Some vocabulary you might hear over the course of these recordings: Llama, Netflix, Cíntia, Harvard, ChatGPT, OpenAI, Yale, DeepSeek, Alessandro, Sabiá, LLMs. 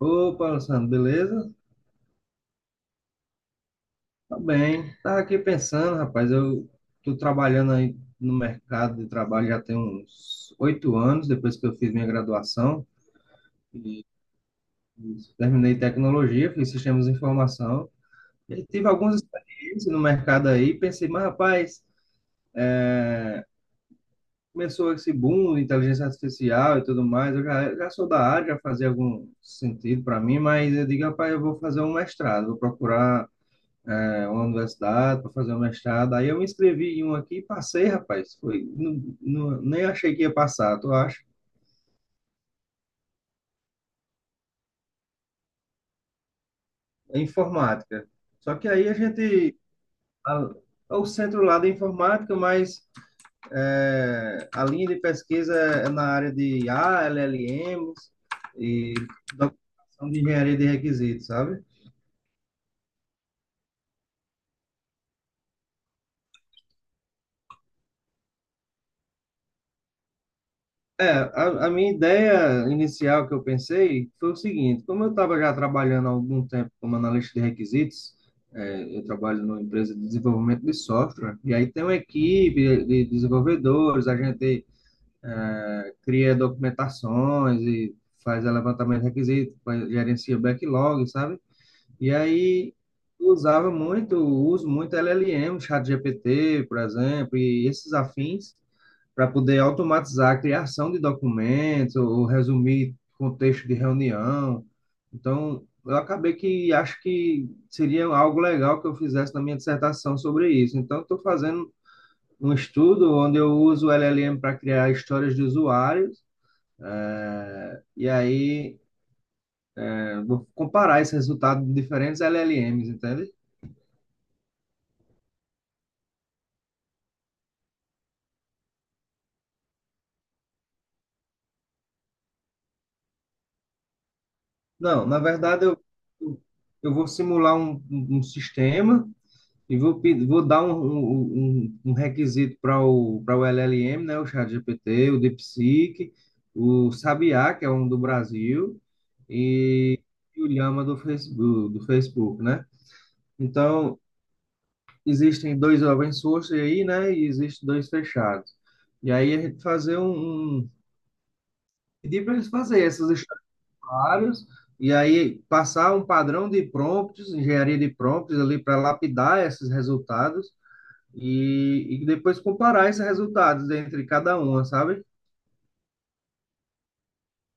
Opa, Alessandro, beleza? Tá bem. Tava aqui pensando, rapaz, eu tô trabalhando aí no mercado de trabalho já tem uns 8 anos, depois que eu fiz minha graduação e e terminei tecnologia, fiz sistemas de informação. E aí tive algumas experiências no mercado aí, e pensei, mas rapaz, é, começou esse boom de inteligência artificial e tudo mais, eu já sou da área, já fazia algum sentido para mim, mas eu digo, rapaz, eu vou fazer um mestrado, vou procurar uma universidade para fazer um mestrado. Aí eu me inscrevi em um aqui e passei, rapaz. Foi, não, não- Nem achei que ia passar, tu acha? É informática. Só que aí a gente. A- É o centro lá da informática, mas, é, a linha de pesquisa é na área de I a l l LLMs e documentação de engenharia de requisitos, sabe? A minha ideia inicial que eu pensei foi o seguinte: como eu estava já trabalhando há algum tempo como analista de requisitos, é, eu trabalho numa empresa de desenvolvimento de software, e aí tem uma equipe de desenvolvedores, a gente, é, cria documentações e faz levantamento de requisitos, gerencia backlog, sabe? E aí eu uso muito LLM, ChatGPT, por exemplo, e esses afins, para poder automatizar a criação de documentos ou resumir contexto de reunião. Então, eu acabei que acho que seria algo legal que eu fizesse na minha dissertação sobre isso. Então, estou fazendo um estudo onde eu uso o LLM para criar histórias de usuários. E aí, vou comparar esse resultado de diferentes LLMs, entende? Não, na verdade, eu vou simular um sistema. E vou, vou dar um requisito para para o LLM, né? O ChatGPT, o DeepSeek, o Sabiá, que é um do Brasil, e, e o Llama do Facebook, né? Então, existem dois open source aí, né? E existem dois fechados. E aí a gente fazer pedir para eles fazerem essas estagiárias e aí passar um padrão de prompts, engenharia de prompts ali para lapidar esses resultados e depois comparar esses resultados entre cada uma, sabe?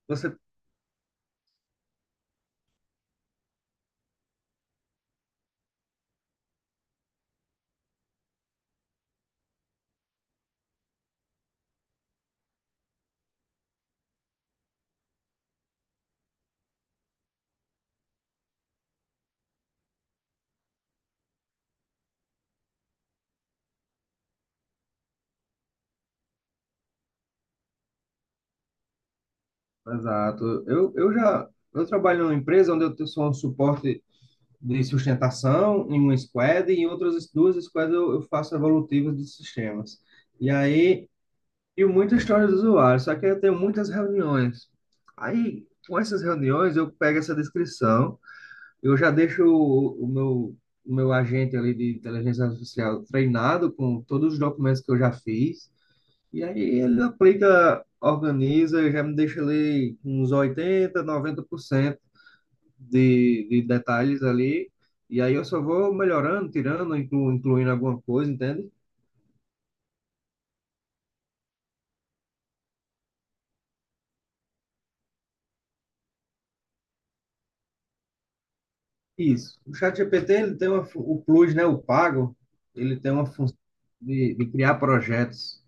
Você, exato. Eu trabalho numa empresa onde eu sou um suporte de sustentação em uma squad e em outras duas squads eu faço evolutivas de sistemas. E aí, e muita história do usuário, só que eu tenho muitas reuniões. Aí, com essas reuniões, eu pego essa descrição, eu já deixo o meu agente ali de inteligência artificial treinado com todos os documentos que eu já fiz. E aí ele aplica, organiza, já me deixa ali uns 80 90% de detalhes ali. E aí eu só vou melhorando, tirando, incluindo alguma coisa, entende? Isso. O ChatGPT, ele tem uma, o Plus, né, o pago, ele tem uma função de criar projetos.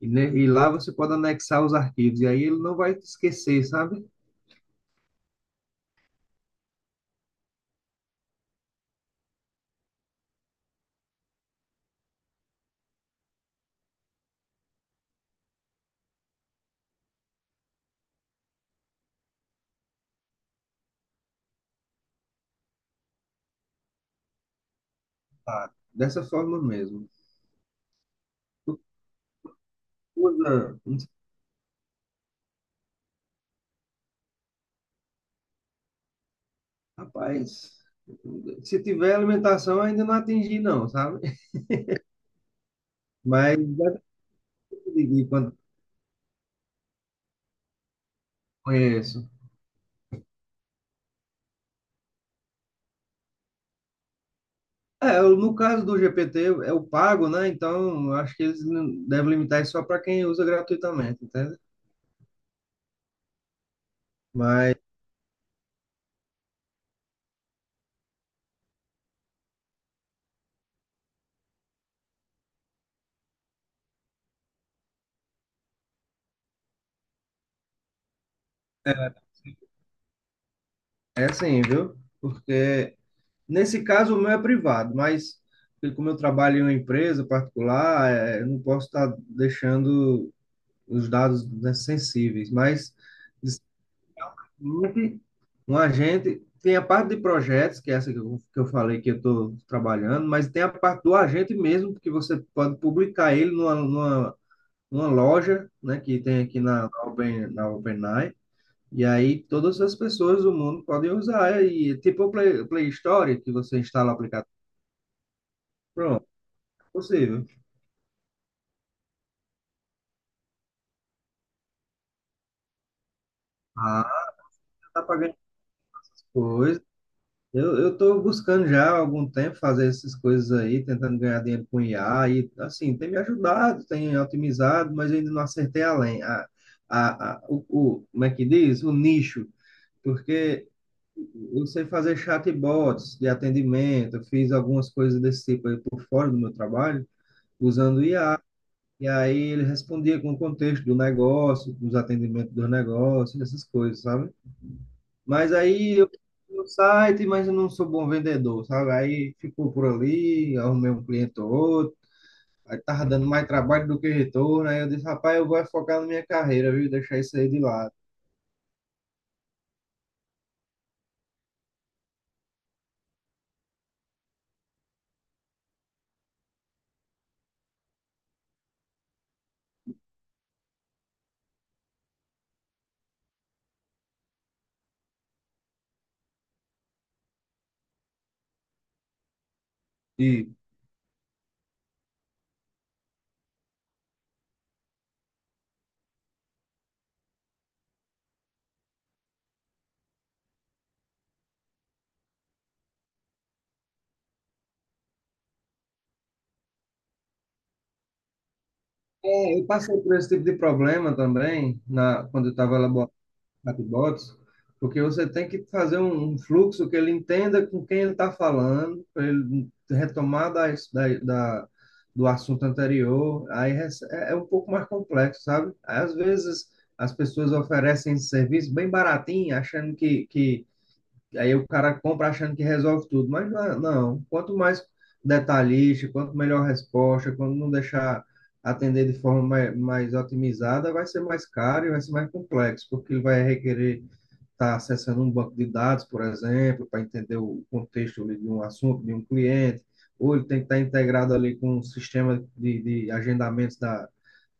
E, e lá você pode anexar os arquivos. E aí ele não vai te esquecer, sabe? Tá. Dessa forma mesmo. Usa. Rapaz, se tiver alimentação, ainda não atingi, não, sabe? Mas já decidi quando conheço. É, no caso do GPT, é o pago, né? Então, eu acho que eles devem limitar isso só para quem usa gratuitamente, entende? Mas é assim, viu? Porque nesse caso o meu é privado, mas como eu trabalho em uma empresa particular, é, eu não posso estar deixando os dados, né, sensíveis. Mas agente, um agente tem a parte de projetos, que é essa que que eu falei que eu estou trabalhando, mas tem a parte do agente mesmo, que você pode publicar ele numa loja, né, que tem aqui na Open, na OpenAI, e aí todas as pessoas do mundo podem usar, e tipo o Play, Play Store, que você instala o aplicativo. Pronto, é possível. Ah, tá pagando coisa. Eu tô buscando já há algum tempo fazer essas coisas aí, tentando ganhar dinheiro com IA e assim, tem me ajudado, tem otimizado, mas eu ainda não acertei além. Como é que diz? O nicho, porque eu sei fazer chatbots de atendimento, eu fiz algumas coisas desse tipo aí por fora do meu trabalho, usando IA, e aí ele respondia com o contexto do negócio, dos atendimentos do negócio, essas coisas, sabe? Mas aí eu fui no site, mas eu não sou bom vendedor, sabe? Aí ficou por ali, arrumei um cliente ou outro, aí tava dando mais trabalho do que retorno, aí eu disse, rapaz, eu vou focar na minha carreira, viu? Deixar isso aí de lado. E é, eu passei por esse tipo de problema também, na, quando eu estava chatbots, porque você tem que fazer um fluxo que ele entenda com quem ele está falando, para ele retomar da, da- do assunto anterior. Aí é, é um pouco mais complexo, sabe? Às vezes as pessoas oferecem esse serviço bem baratinho, achando que aí o cara compra achando que resolve tudo, mas não, não. Quanto mais detalhista, quanto melhor a resposta, quando não deixar atender de forma mais otimizada, vai ser mais caro e vai ser mais complexo, porque ele vai requerer está acessando um banco de dados, por exemplo, para entender o contexto ali de um assunto, de um cliente, ou ele tem que estar integrado ali com um sistema de agendamentos da,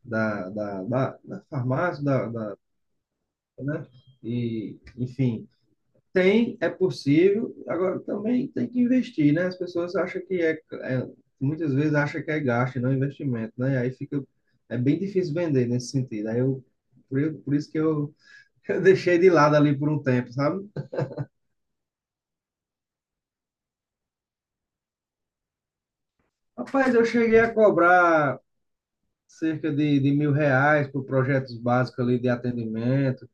da, da, da, da farmácia, né? E, enfim, tem, é possível, agora também tem que investir, né? As pessoas acham que é muitas vezes acham que é gasto, e não é investimento, né? E aí fica, é bem difícil vender nesse sentido. Por isso que eu, eu deixei de lado ali por um tempo, sabe? Rapaz, eu cheguei a cobrar cerca de R$ 1.000 por projetos básicos ali de atendimento.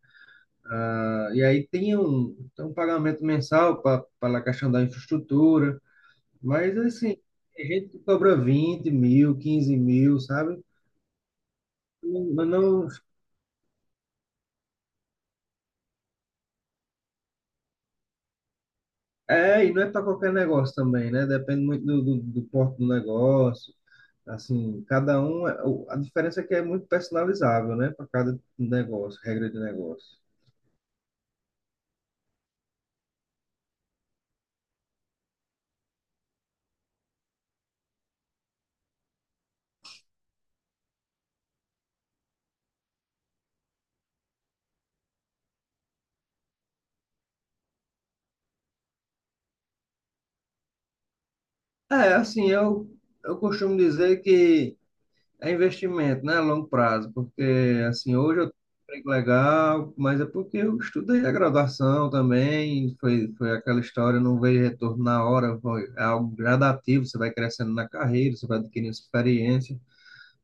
Tá? E aí tem tem um pagamento mensal para a questão da infraestrutura. Mas, assim, tem gente que cobra 20 mil, 15 mil, sabe? Não, não, é, e não é para qualquer negócio também, né? Depende muito do porte do negócio. Assim, cada um, a diferença é que é muito personalizável, né? Para cada negócio, regra de negócio. É, assim, eu costumo dizer que é investimento, né, a longo prazo, porque, assim, hoje eu tenho um emprego legal, mas é porque eu estudei a graduação também, foi aquela história, não veio retorno na hora, foi é algo gradativo, você vai crescendo na carreira, você vai adquirindo experiência,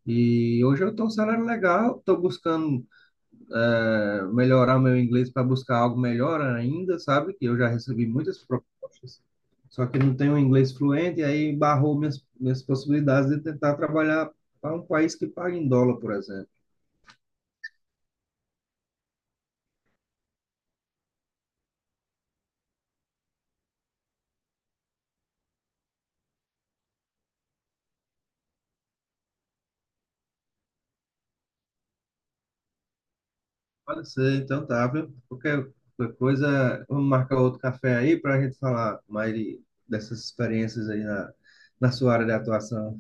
e hoje eu estou um salário legal, estou buscando, é, melhorar meu inglês para buscar algo melhor ainda, sabe? Que eu já recebi muitas propostas, só que não tenho um inglês fluente, e aí barrou minhas possibilidades de tentar trabalhar para um país que paga em dólar, por exemplo. Pode ser, então tá, viu? Qualquer coisa, vamos marcar outro café aí para a gente falar mais dessas experiências aí na, na sua área de atuação.